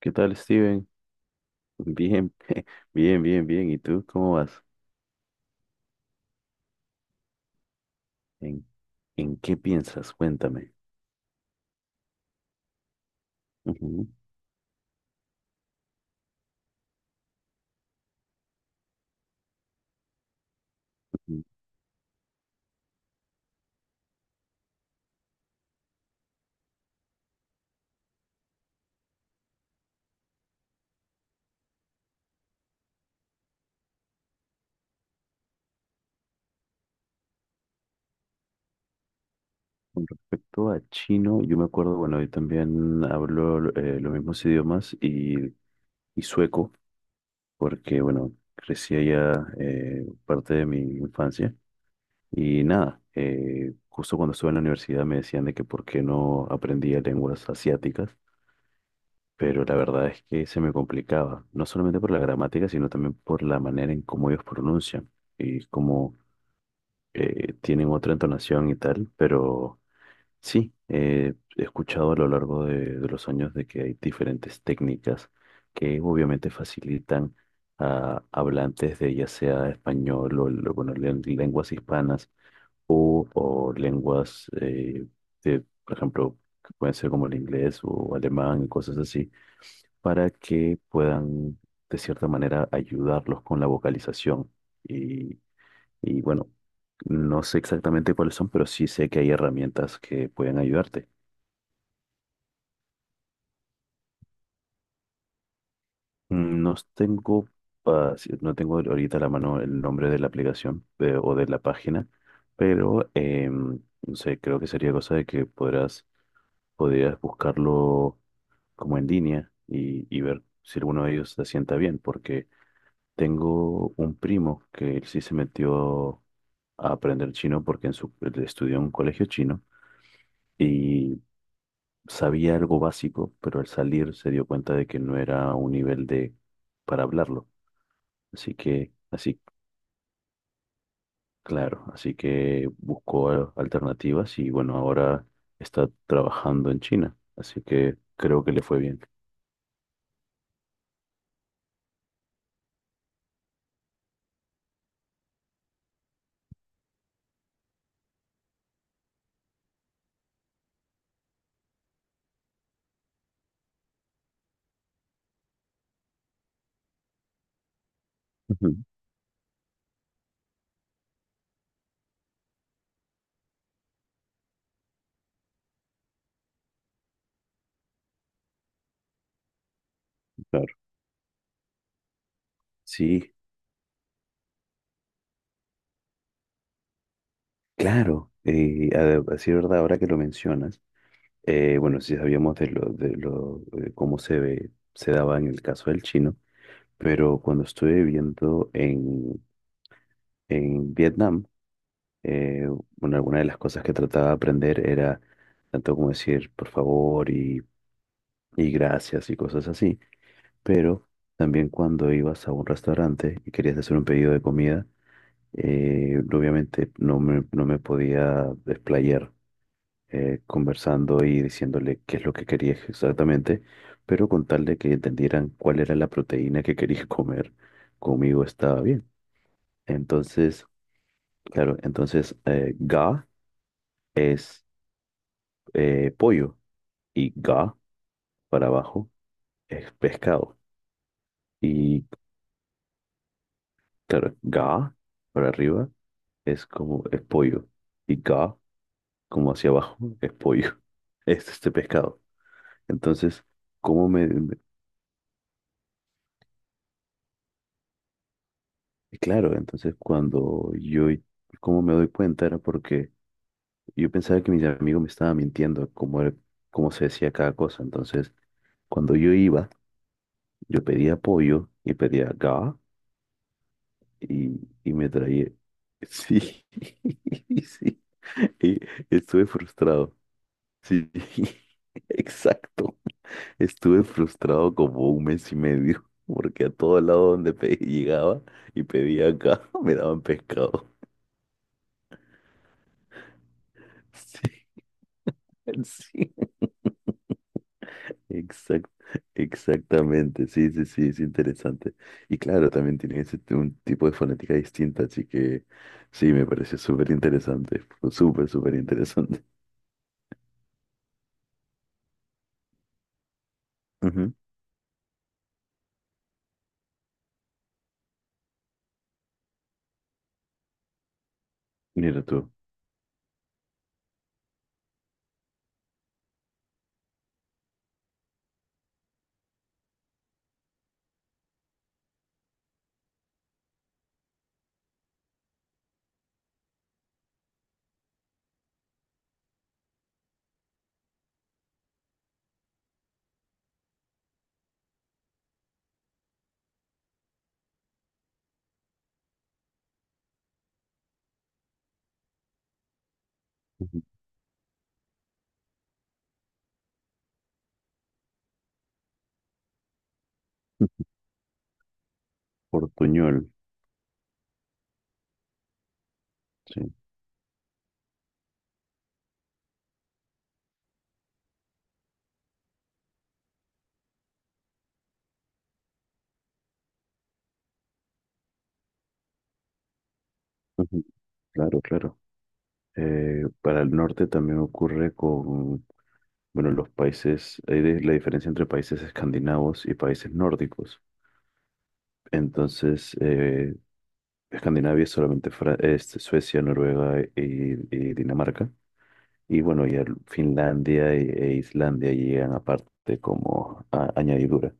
¿Qué tal, Steven? Bien, bien, bien, bien. ¿Y tú cómo vas? ¿En, en qué piensas? Cuéntame. Ujú. Con respecto a chino, yo me acuerdo, bueno, yo también hablo los mismos idiomas y sueco, porque, bueno, crecí allá parte de mi infancia. Y nada, justo cuando estuve en la universidad me decían de que por qué no aprendía lenguas asiáticas. Pero la verdad es que se me complicaba, no solamente por la gramática, sino también por la manera en cómo ellos pronuncian y cómo tienen otra entonación y tal, pero sí, he escuchado a lo largo de los años de que hay diferentes técnicas que obviamente facilitan a hablantes de ya sea español o, bueno, lenguas hispanas o lenguas de, por ejemplo, que pueden ser como el inglés o alemán y cosas así para que puedan, de cierta manera, ayudarlos con la vocalización. Y, y bueno, no sé exactamente cuáles son, pero sí sé que hay herramientas que pueden ayudarte. No tengo, ah, sí, no tengo ahorita a la mano el nombre de la aplicación o de la página, pero no sé, creo que sería cosa de que podrás, podrías buscarlo como en línea y ver si alguno de ellos se sienta bien, porque tengo un primo que él sí se metió a aprender chino porque en su, él estudió en un colegio chino y sabía algo básico, pero al salir se dio cuenta de que no era un nivel de para hablarlo. Así que, así, claro, así que buscó alternativas y bueno, ahora está trabajando en China. Así que creo que le fue bien. Ujú. Claro. Sí, claro. A, a decir verdad, ahora que lo mencionas. Bueno, sí sabíamos de lo, de lo, de cómo se ve, se daba en el caso del chino, pero cuando estuve viviendo en Vietnam, eh, bueno, alguna de las cosas que trataba de aprender era tanto como decir por favor y gracias y cosas así, pero también cuando ibas a un restaurante y querías hacer un pedido de comida, obviamente no me, no me podía desplayar conversando y diciéndole qué es lo que quería exactamente, pero con tal de que entendieran cuál era la proteína que quería comer, conmigo estaba bien. Entonces, claro, entonces ga es pollo y ga para abajo es pescado. Y claro, ga para arriba es como es pollo y ga como hacia abajo es pollo, es este pescado. Entonces, ¿cómo me, y claro, entonces cuando yo, cómo me doy cuenta, era porque yo pensaba que mis amigos me estaban mintiendo, como, como se decía cada cosa. Entonces, cuando yo iba, yo pedía pollo y pedía ga y me traía. Sí, sí. Y estuve frustrado. Sí, exacto. Estuve frustrado como un mes y medio, porque a todo lado donde llegaba y pedía acá, me daban pescado. Sí. Sí, exact- exactamente, sí, sí, sí, es interesante. Y claro, también tiene ese un tipo de fonética distinta, así que sí, me pareció súper interesante, fue súper, súper interesante. Ujú. Mira tú. Ujú. Portuñol, sí. Ujú. Claro, claro. Para el norte también ocurre con, bueno, los países, hay la diferencia entre países escandinavos y países nórdicos. Entonces, Escandinavia es solamente este, Suecia, Noruega y Dinamarca. Y bueno, ya Finlandia e, e Islandia llegan aparte como añadidura,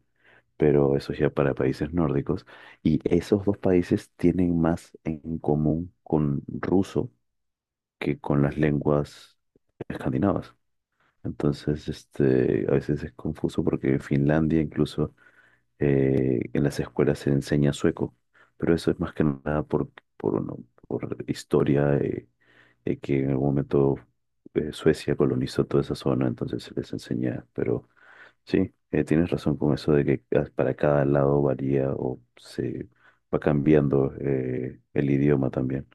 pero eso ya para países nórdicos. Y esos dos países tienen más en común con ruso que con las lenguas escandinavas. Entonces, este, a veces es confuso porque Finlandia incluso en las escuelas se enseña sueco, pero eso es más que nada por, por, por historia, que en algún momento Suecia colonizó toda esa zona, entonces se les enseña, pero sí, tienes razón con eso de que para cada lado varía o se va cambiando el idioma también.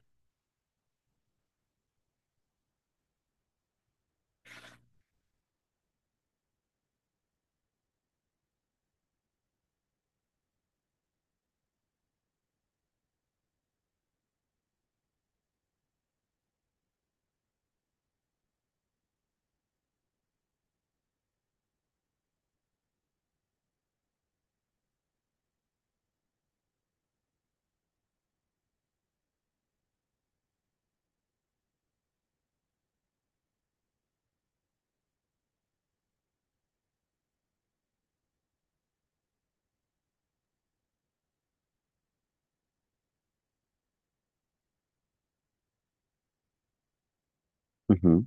Ujú.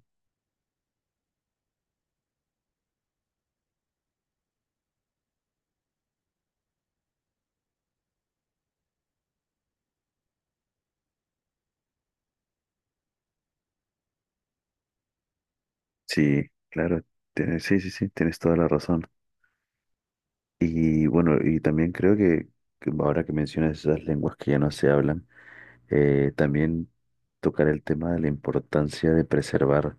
Sí, claro, sí, sí, sí, tienes toda la razón. Y bueno, y también creo que ahora que mencionas esas lenguas que ya no se hablan, también tocar el tema de la importancia de preservar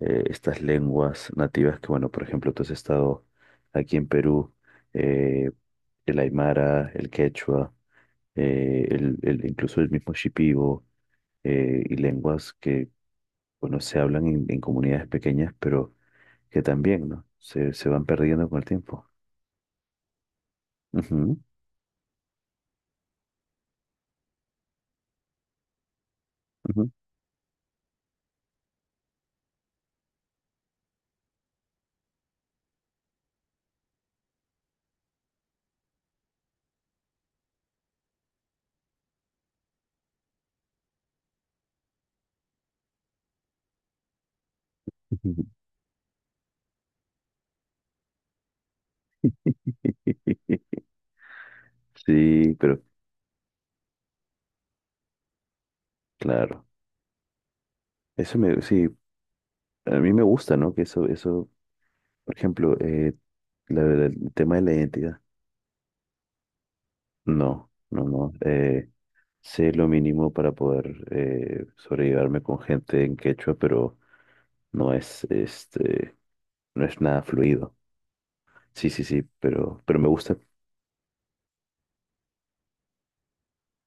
estas lenguas nativas que, bueno, por ejemplo, tú has estado aquí en Perú, eh, el aymara, el quechua, el, incluso el mismo shipibo, y lenguas que, bueno, se hablan en comunidades pequeñas, pero que también, ¿no? Se van perdiendo con el tiempo. Ujú, ujú, ujú. Sí, pero claro, eso me, sí, a mí me gusta, ¿no? Que eso por ejemplo, el tema de la identidad. No, no, no. Sé lo mínimo para poder sobrellevarme con gente en quechua, pero no es, este, no es nada fluido. Sí, sí, sí, pero me gusta.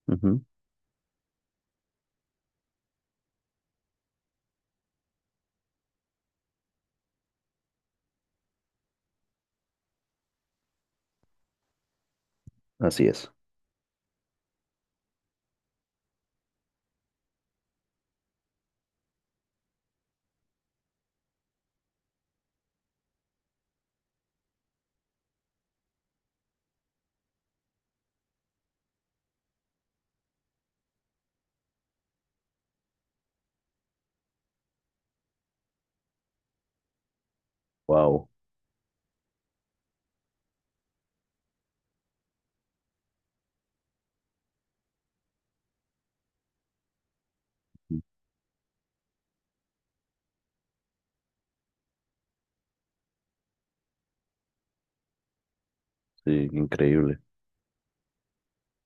Ujú. Así es. Wow. Sí, increíble.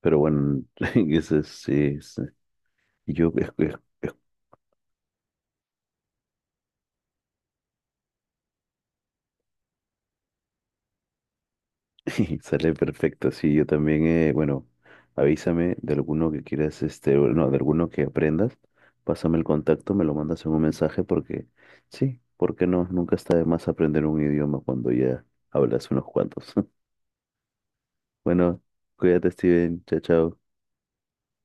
Pero bueno, sí, sí. Yo escucho. Sale perfecto, sí, yo también, bueno, avísame de alguno que quieras, este, o no, de alguno que aprendas, pásame el contacto, me lo mandas en un mensaje porque, sí, ¿porque no? Nunca está de más aprender un idioma cuando ya hablas unos cuantos. Bueno, cuídate, Steven, chao, chao.